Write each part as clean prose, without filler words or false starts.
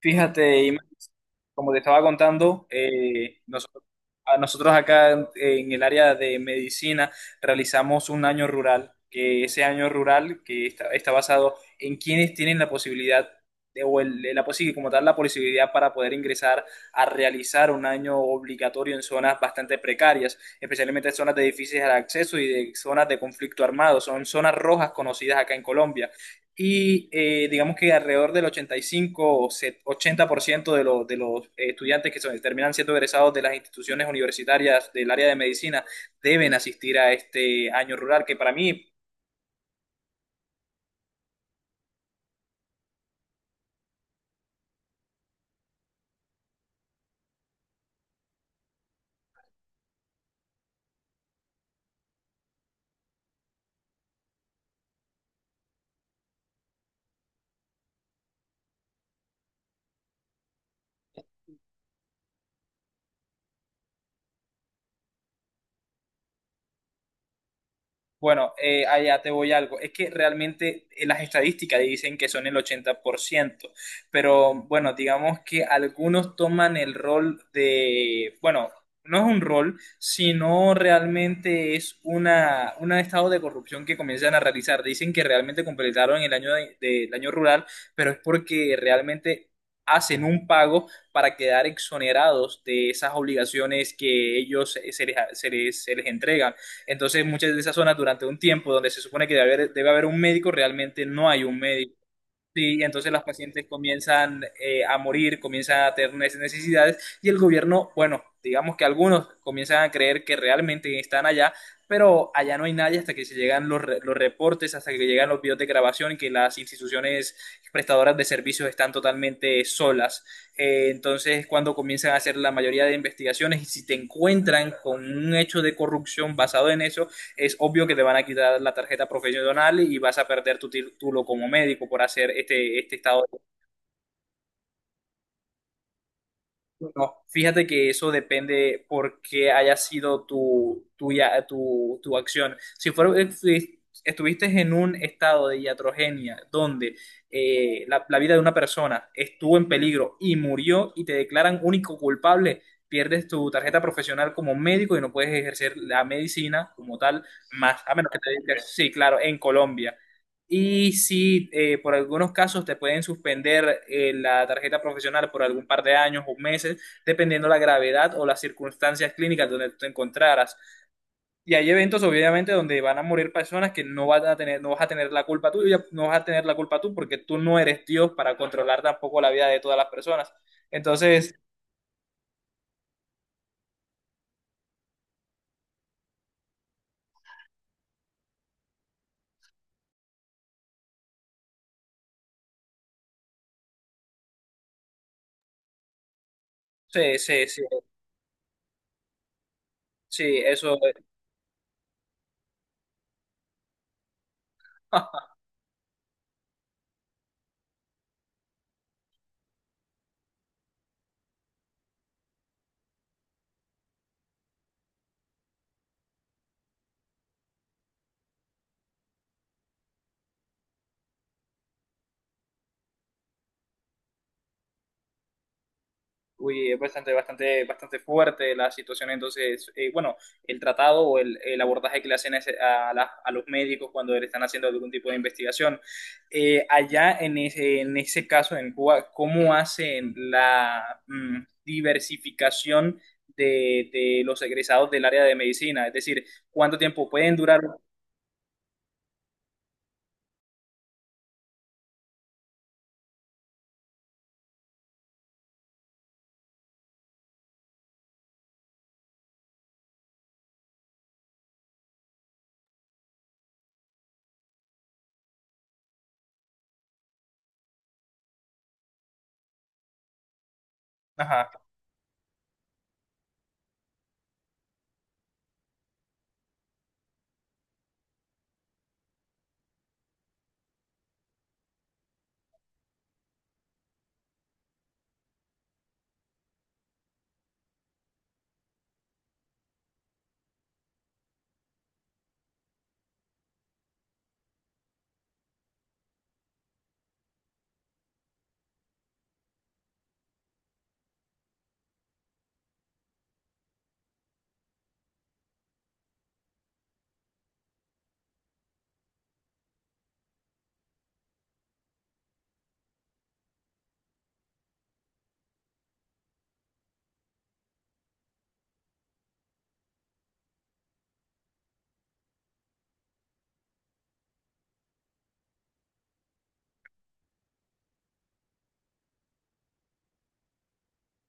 Fíjate, Ima, como te estaba contando, a nosotros acá en el área de medicina realizamos un año rural, que ese año rural que está basado en quienes tienen la posibilidad de- o el- la posi- como tal la posibilidad para poder ingresar a realizar un año obligatorio en zonas bastante precarias, especialmente zonas de difícil acceso y de zonas de conflicto armado, son zonas rojas conocidas acá en Colombia. Y digamos que alrededor del 85 o 80% de los estudiantes terminan siendo egresados de las instituciones universitarias del área de medicina deben asistir a este año rural, que para mí. Bueno, allá te voy algo. Es que realmente las estadísticas dicen que son el 80%, pero bueno, digamos que algunos toman el rol de, bueno, no es un rol, sino realmente es un estado de corrupción que comienzan a realizar. Dicen que realmente completaron el año del año rural, pero es porque realmente hacen un pago para quedar exonerados de esas obligaciones que ellos se les entregan. Entonces, muchas de esas zonas durante un tiempo donde se supone que debe haber un médico, realmente no hay un médico. Sí, y entonces las pacientes comienzan a morir, comienzan a tener necesidades y el gobierno, bueno, digamos que algunos comienzan a creer que realmente están allá, pero allá no hay nadie hasta que se llegan los reportes, hasta que llegan los videos de grabación y que las instituciones prestadoras de servicios están totalmente solas. Entonces, cuando comienzan a hacer la mayoría de investigaciones y si te encuentran con un hecho de corrupción basado en eso, es obvio que te van a quitar la tarjeta profesional y vas a perder tu título como médico por hacer este estado. No, fíjate que eso depende por qué haya sido tu acción. Si estuviste en un estado de iatrogenia donde la vida de una persona estuvo en peligro y murió y te declaran único culpable, pierdes tu tarjeta profesional como médico y no puedes ejercer la medicina como tal, más a menos que te dediques, sí, claro, en Colombia. Y si por algunos casos te pueden suspender la tarjeta profesional por algún par de años o meses, dependiendo la gravedad o las circunstancias clínicas donde tú te encontraras. Y hay eventos, obviamente, donde van a morir personas que no vas a tener la culpa tú, y no vas a tener la culpa tú, porque tú no eres Dios para controlar tampoco la vida de todas las personas. Entonces, sí, sí, sí, sí, eso. Uy, es bastante, bastante, bastante fuerte la situación. Entonces, bueno, el tratado o el abordaje que le hacen a, a los médicos cuando le están haciendo algún tipo de investigación. Allá en en ese caso, en Cuba, ¿cómo hacen la diversificación de los egresados del área de medicina? Es decir, ¿cuánto tiempo pueden durar? Ajá.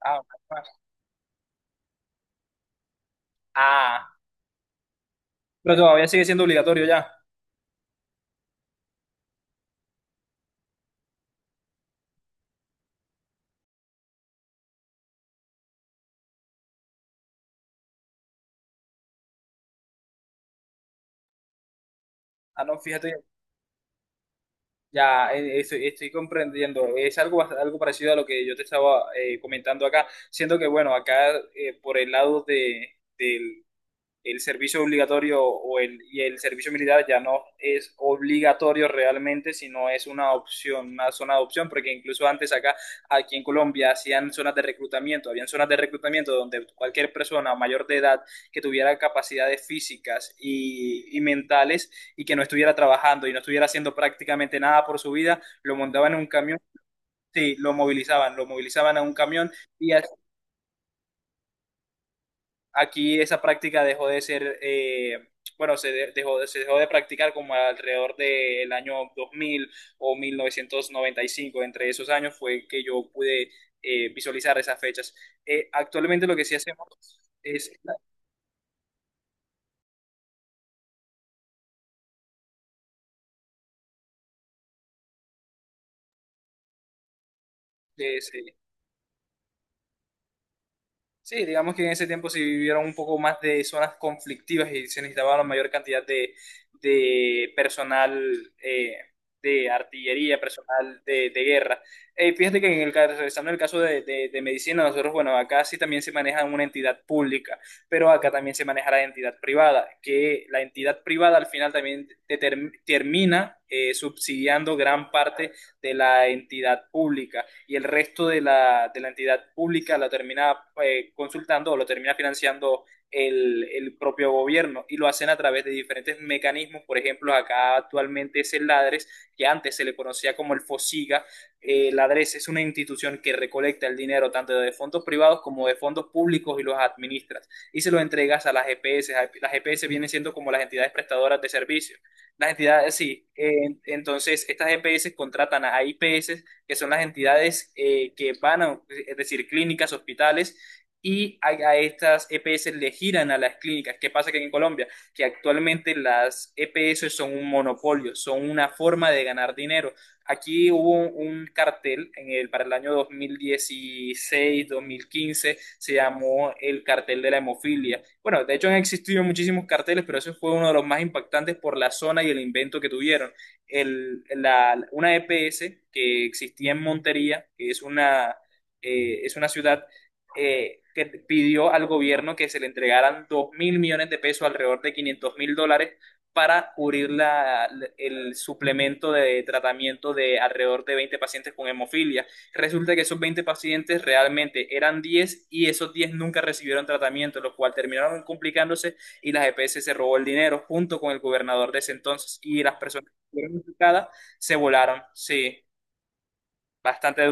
Ah, ok. Ah. Pero todavía sigue siendo obligatorio ya. Ah, no, fíjate. Ya, estoy comprendiendo. Es algo, algo parecido a lo que yo te estaba comentando acá, siendo que, bueno, acá por el lado de, el servicio obligatorio o el servicio militar ya no es obligatorio realmente, sino es una opción, una zona de opción, porque incluso antes acá, aquí en Colombia, hacían zonas de reclutamiento, habían zonas de reclutamiento donde cualquier persona mayor de edad que tuviera capacidades físicas y mentales y que no estuviera trabajando y no estuviera haciendo prácticamente nada por su vida, lo montaban en un camión. Sí, lo movilizaban a un camión. y, ha- Aquí esa práctica dejó de ser, se dejó de practicar como alrededor del año 2000 o 1995. Entre esos años fue que yo pude visualizar esas fechas. Actualmente lo que sí hacemos es, es sí, digamos que en ese tiempo se vivieron un poco más de zonas conflictivas y se necesitaba la mayor cantidad de personal de artillería, personal de guerra. Fíjate que en regresando al caso de medicina, nosotros, bueno, acá sí también se maneja una entidad pública, pero acá también se maneja la entidad privada, que la entidad privada al final también termina subsidiando gran parte de la entidad pública y el resto de la entidad pública la termina consultando o lo termina financiando propio gobierno y lo hacen a través de diferentes mecanismos. Por ejemplo, acá actualmente es el LADRES, que antes se le conocía como el FOSIGA. LADRES es una institución que recolecta el dinero tanto de fondos privados como de fondos públicos y los administras y se lo entregas a las EPS. Las EPS vienen siendo como las entidades prestadoras de servicios las entidades, sí. Entonces, estas EPS contratan a IPS, que son las entidades que van a, es decir, clínicas, hospitales, y a estas EPS le giran a las clínicas. ¿Qué pasa que en Colombia? Que actualmente las EPS son un monopolio, son una forma de ganar dinero. Aquí hubo un cartel en para el año 2016-2015, se llamó el cartel de la hemofilia. Bueno, de hecho han existido muchísimos carteles, pero ese fue uno de los más impactantes por la zona y el invento que tuvieron. Una EPS que existía en Montería, que es es una ciudad que pidió al gobierno que se le entregaran 2.000 millones de pesos, alrededor de 500.000 dólares, para cubrir el suplemento de tratamiento de alrededor de 20 pacientes con hemofilia. Resulta que esos 20 pacientes realmente eran 10 y esos 10 nunca recibieron tratamiento, lo cual terminaron complicándose y la EPS se robó el dinero junto con el gobernador de ese entonces y las personas que fueron implicadas se volaron. Sí, bastante.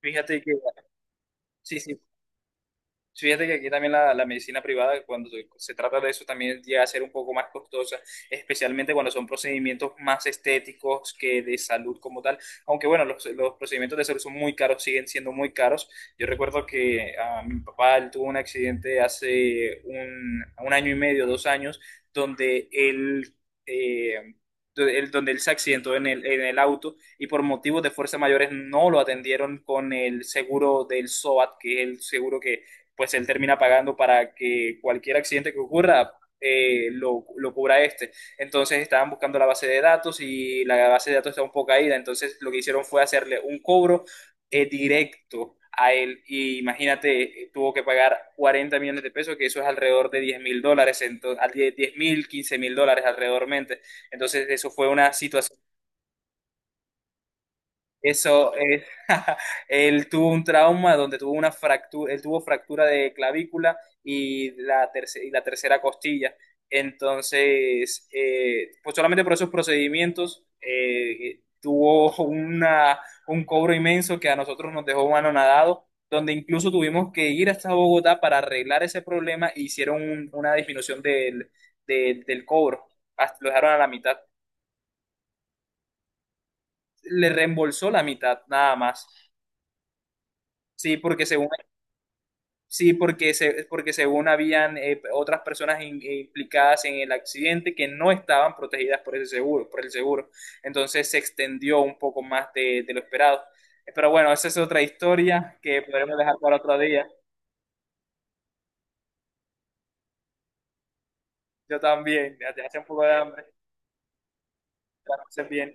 Fíjate que sí, sí. Sí, fíjate que aquí también la medicina privada, cuando se trata de eso, también llega a ser un poco más costosa, especialmente cuando son procedimientos más estéticos que de salud como tal. Aunque bueno, los procedimientos de salud son muy caros, siguen siendo muy caros. Yo recuerdo que mi papá él tuvo un accidente hace un año y medio, dos años, donde él... eh, donde él se accidentó en en el auto y por motivos de fuerza mayores no lo atendieron con el seguro del SOAT, que es el seguro que, pues él termina pagando para que cualquier accidente que ocurra lo cubra este. Entonces estaban buscando la base de datos y la base de datos está un poco caída, entonces lo que hicieron fue hacerle un cobro directo a él y imagínate, tuvo que pagar 40 millones de pesos, que eso es alrededor de 10 mil dólares, 15 mil dólares alrededormente. Entonces eso fue una situación, eso es. Él tuvo un trauma donde tuvo una fractura, él tuvo fractura de clavícula y y la tercera costilla. Entonces, pues solamente por esos procedimientos tuvo un cobro inmenso que a nosotros nos dejó anonadados, donde incluso tuvimos que ir hasta Bogotá para arreglar ese problema e hicieron una disminución del cobro, hasta, lo dejaron a la mitad, le reembolsó la mitad nada más. Sí, porque según Sí, porque, porque según habían otras personas implicadas en el accidente que no estaban protegidas por el seguro. Entonces se extendió un poco más de lo esperado. Pero bueno, esa es otra historia que podremos dejar para otro día. Yo también, ya te hace un poco de hambre. Que la pases bien.